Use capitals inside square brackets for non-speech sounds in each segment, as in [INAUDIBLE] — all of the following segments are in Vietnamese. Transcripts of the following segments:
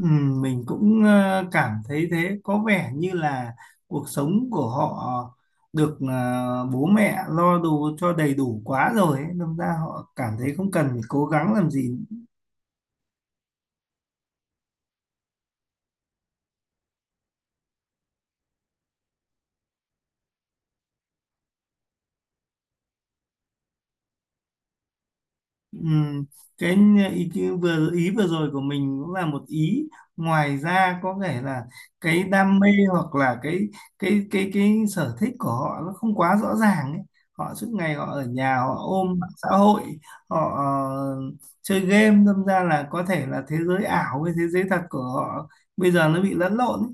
Ừ, mình cũng cảm thấy thế có vẻ như là cuộc sống của họ được bố mẹ lo đủ cho đầy đủ quá rồi ấy. Đâm ra họ cảm thấy không cần phải cố gắng làm gì. Ừm, cái ý kiến vừa rồi của mình cũng là một ý, ngoài ra có thể là cái đam mê hoặc là cái sở thích của họ nó không quá rõ ràng ấy. Họ suốt ngày họ ở nhà họ ôm mạng xã hội, họ chơi game, đâm ra là có thể là thế giới ảo với thế giới thật của họ bây giờ nó bị lẫn lộn ấy.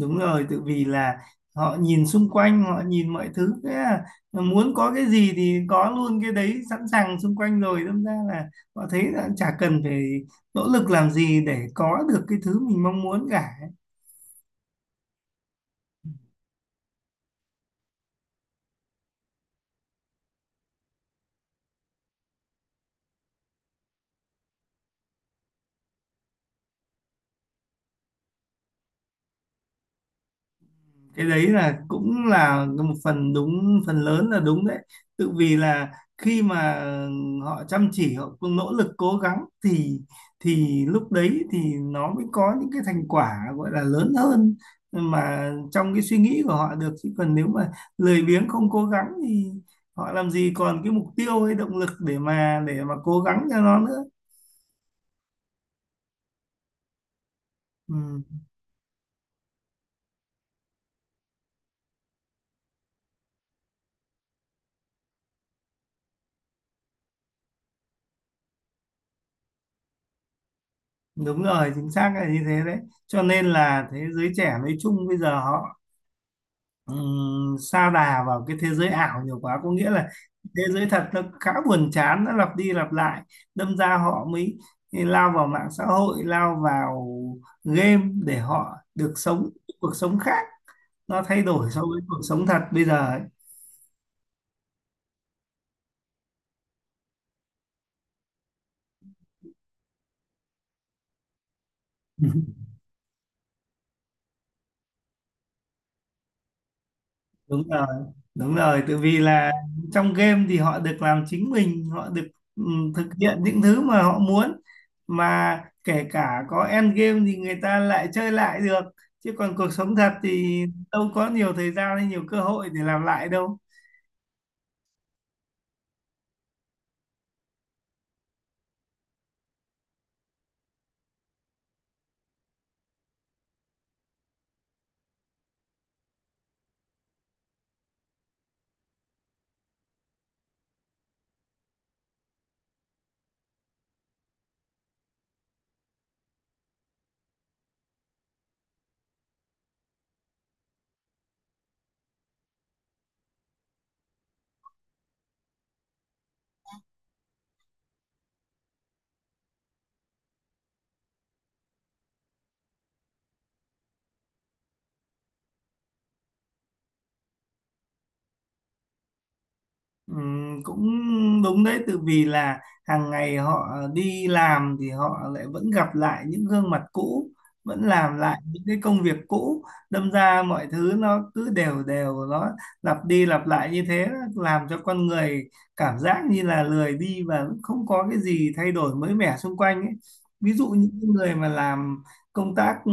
Đúng rồi, tự vì là họ nhìn xung quanh, họ nhìn mọi thứ, thế là muốn có cái gì thì có luôn cái đấy sẵn sàng xung quanh rồi, đâm ra là họ thấy là chả cần phải nỗ lực làm gì để có được cái thứ mình mong muốn cả. Cái đấy là cũng là một phần đúng, phần lớn là đúng đấy. Tự vì là khi mà họ chăm chỉ họ cũng nỗ lực cố gắng thì lúc đấy thì nó mới có những cái thành quả gọi là lớn hơn mà trong cái suy nghĩ của họ được. Chứ còn nếu mà lười biếng không cố gắng thì họ làm gì còn cái mục tiêu hay động lực để mà cố gắng cho nó nữa. ừ, Đúng rồi chính xác là như thế đấy. Cho nên là thế giới trẻ nói chung bây giờ họ sa đà vào cái thế giới ảo nhiều quá, có nghĩa là thế giới thật nó khá buồn chán, nó lặp đi lặp lại, đâm ra họ mới lao vào mạng xã hội, lao vào game để họ được sống cuộc sống khác, nó thay đổi so với cuộc sống thật bây giờ ấy. [LAUGHS] Đúng rồi đúng rồi, tại vì là trong game thì họ được làm chính mình, họ được ừ, thực hiện những thứ mà họ muốn, mà kể cả có end game thì người ta lại chơi lại được. Chứ còn cuộc sống thật thì đâu có nhiều thời gian hay nhiều cơ hội để làm lại đâu. Cũng đúng đấy, từ vì là hàng ngày họ đi làm thì họ lại vẫn gặp lại những gương mặt cũ, vẫn làm lại những cái công việc cũ, đâm ra mọi thứ nó cứ đều đều, nó lặp đi lặp lại như thế, làm cho con người cảm giác như là lười đi và không có cái gì thay đổi mới mẻ xung quanh ấy. Ví dụ những cái người mà làm công tác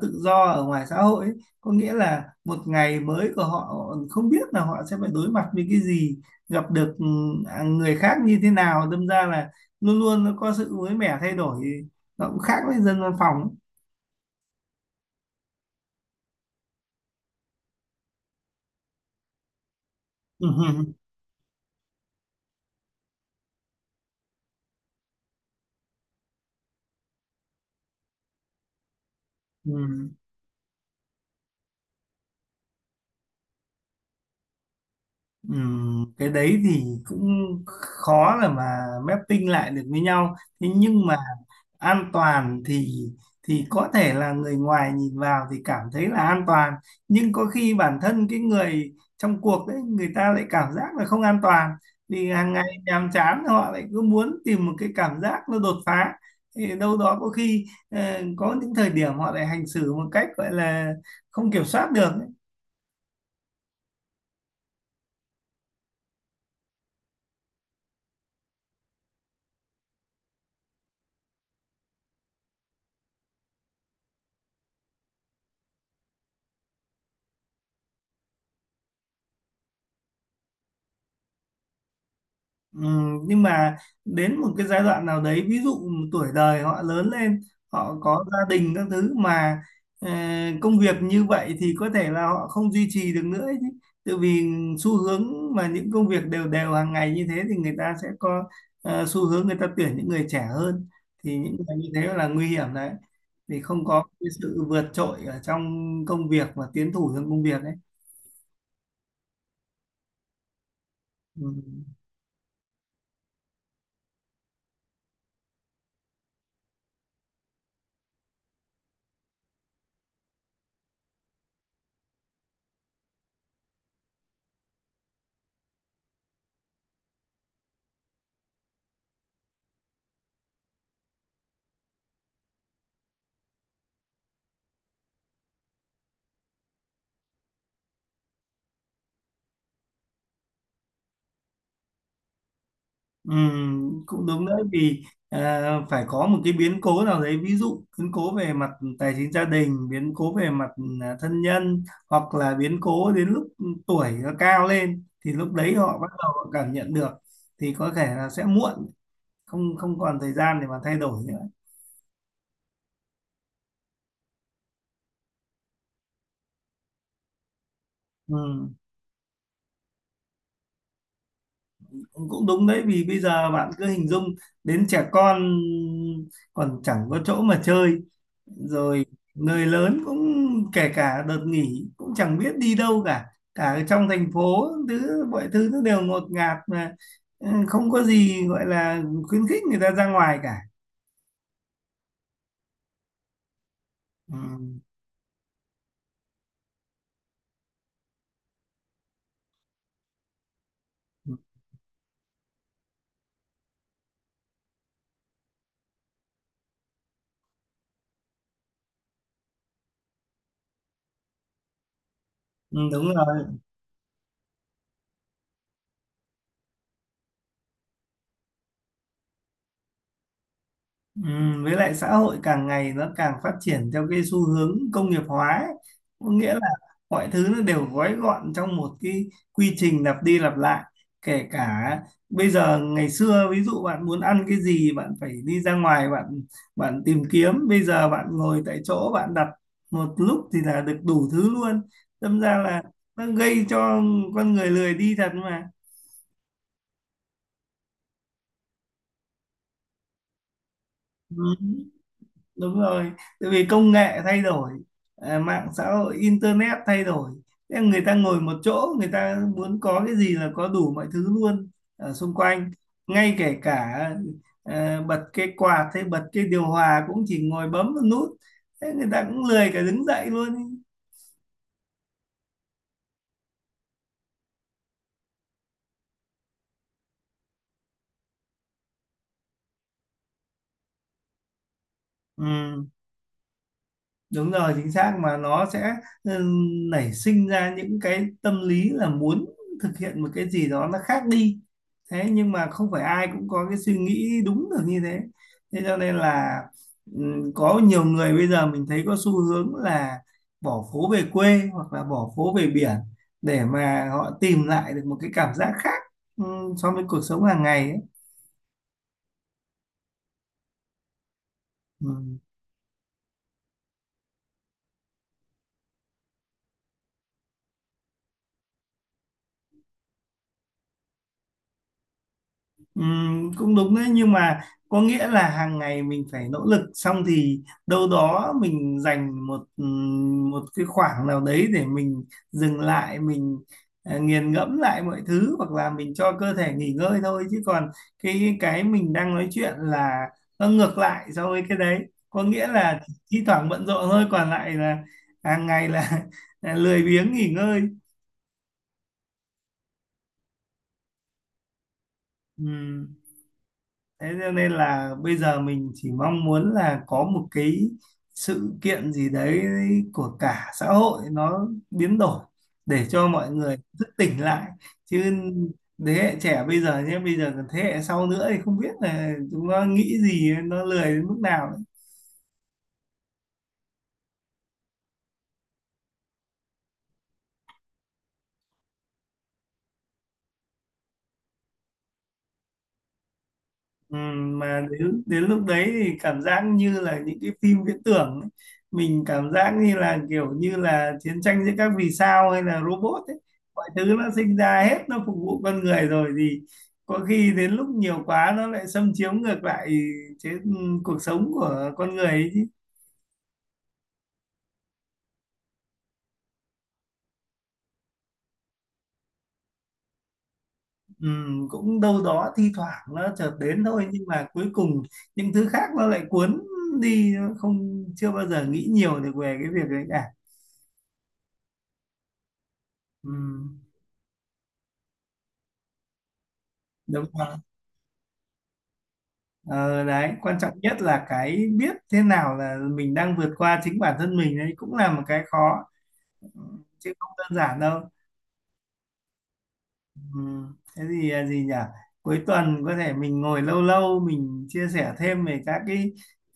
tự do ở ngoài xã hội ấy, có nghĩa là một ngày mới của họ họ không biết là họ sẽ phải đối mặt với cái gì, gặp được người khác như thế nào, đâm ra là luôn luôn nó có sự mới mẻ thay đổi, nó cũng khác với dân văn phòng. [LAUGHS] Ừ. Cái đấy thì cũng khó là mà mapping lại được với nhau. Thế nhưng mà an toàn thì có thể là người ngoài nhìn vào thì cảm thấy là an toàn, nhưng có khi bản thân cái người trong cuộc đấy người ta lại cảm giác là không an toàn, vì hàng ngày nhàm chán họ lại cứ muốn tìm một cái cảm giác nó đột phá. Thì đâu đó có khi có những thời điểm họ lại hành xử một cách gọi là không kiểm soát được. Ừ, nhưng mà đến một cái giai đoạn nào đấy, ví dụ tuổi đời họ lớn lên họ có gia đình các thứ mà ờ, công việc như vậy thì có thể là họ không duy trì được nữa ấy chứ. Tại vì xu hướng mà những công việc đều đều hàng ngày như thế thì người ta sẽ có xu hướng người ta tuyển những người trẻ hơn. Thì những người như thế là nguy hiểm đấy, thì không có cái sự vượt trội ở trong công việc và tiến thủ trong công việc ấy. Ừ. Cũng đúng đấy, vì à, phải có một cái biến cố nào đấy, ví dụ biến cố về mặt tài chính gia đình, biến cố về mặt thân nhân, hoặc là biến cố đến lúc tuổi nó cao lên thì lúc đấy họ bắt đầu họ cảm nhận được, thì có thể là sẽ muộn, không không còn thời gian để mà thay đổi nữa. Ừm, Cũng đúng đấy vì bây giờ bạn cứ hình dung đến trẻ con còn chẳng có chỗ mà chơi rồi. Người lớn cũng kể cả đợt nghỉ cũng chẳng biết đi đâu cả, cả ở trong thành phố thứ mọi thứ nó đều ngột ngạt mà, không có gì gọi là khuyến khích người ta ra ngoài cả. Ừ. Ừ, đúng rồi. Với lại xã hội càng ngày nó càng phát triển theo cái xu hướng công nghiệp hóa ấy. Có nghĩa là mọi thứ nó đều gói gọn trong một cái quy trình lặp đi lặp lại. Kể cả bây giờ ngày xưa ví dụ bạn muốn ăn cái gì bạn phải đi ra ngoài bạn bạn tìm kiếm, bây giờ bạn ngồi tại chỗ bạn đặt một lúc thì là được đủ thứ luôn, đâm ra là nó gây cho con người lười đi thật mà. Ừ. Đúng rồi, tại vì công nghệ thay đổi, mạng xã hội internet thay đổi. Thế người ta ngồi một chỗ người ta muốn có cái gì là có đủ mọi thứ luôn ở xung quanh, ngay kể cả bật cái quạt hay bật cái điều hòa cũng chỉ ngồi bấm một nút, thế người ta cũng lười cả đứng dậy luôn. Ừ. Đúng rồi chính xác, mà nó sẽ ừ, nảy sinh ra những cái tâm lý là muốn thực hiện một cái gì đó nó khác đi. Thế nhưng mà không phải ai cũng có cái suy nghĩ đúng được như thế. Thế cho nên là ừ, có nhiều người bây giờ mình thấy có xu hướng là bỏ phố về quê hoặc là bỏ phố về biển để mà họ tìm lại được một cái cảm giác khác ừ, so với cuộc sống hàng ngày ấy. Ừ. Cũng đúng đấy nhưng mà có nghĩa là hàng ngày mình phải nỗ lực xong thì đâu đó mình dành một một cái khoảng nào đấy để mình dừng lại, mình nghiền ngẫm lại mọi thứ hoặc là mình cho cơ thể nghỉ ngơi thôi. Chứ còn cái mình đang nói chuyện là nó ngược lại so với cái đấy, có nghĩa là thi thoảng bận rộn thôi, còn lại là hàng ngày là, [LAUGHS] là lười biếng nghỉ ngơi. Ừm. Thế cho nên là bây giờ mình chỉ mong muốn là có một cái sự kiện gì đấy của cả xã hội nó biến đổi để cho mọi người thức tỉnh lại. Chứ thế hệ trẻ bây giờ nhé, bây giờ còn thế hệ sau nữa thì không biết là chúng nó nghĩ gì, nó lười đến mức nào. Ừ, mà đến đến lúc đấy thì cảm giác như là những cái phim viễn tưởng ấy. Mình cảm giác như là kiểu như là chiến tranh giữa các vì sao hay là robot ấy, mọi thứ nó sinh ra hết nó phục vụ con người rồi, thì có khi đến lúc nhiều quá nó lại xâm chiếm ngược lại, chế ừ, cuộc sống của con người ấy chứ. Ừ, cũng đâu đó thi thoảng nó chợt đến thôi nhưng mà cuối cùng những thứ khác nó lại cuốn đi, nó không chưa bao giờ nghĩ nhiều được về cái việc đấy cả. Ừ, đúng rồi. Ờ, đấy quan trọng nhất là cái biết thế nào là mình đang vượt qua chính bản thân mình, đấy cũng là một cái khó, ừ, chứ không đơn giản đâu. Ừ. Thế thì gì nhỉ, cuối tuần có thể mình ngồi lâu lâu mình chia sẻ thêm về các cái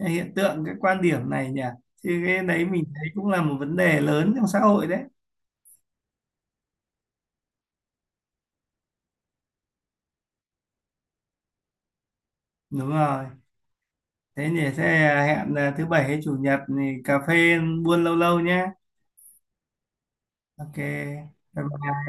hiện tượng cái quan điểm này nhỉ, chứ cái đấy mình thấy cũng là một vấn đề lớn trong xã hội đấy. Đúng rồi. Thế nhỉ, thế hẹn thứ bảy hay chủ nhật thì cà phê buôn lâu lâu nhé. OK bye bye.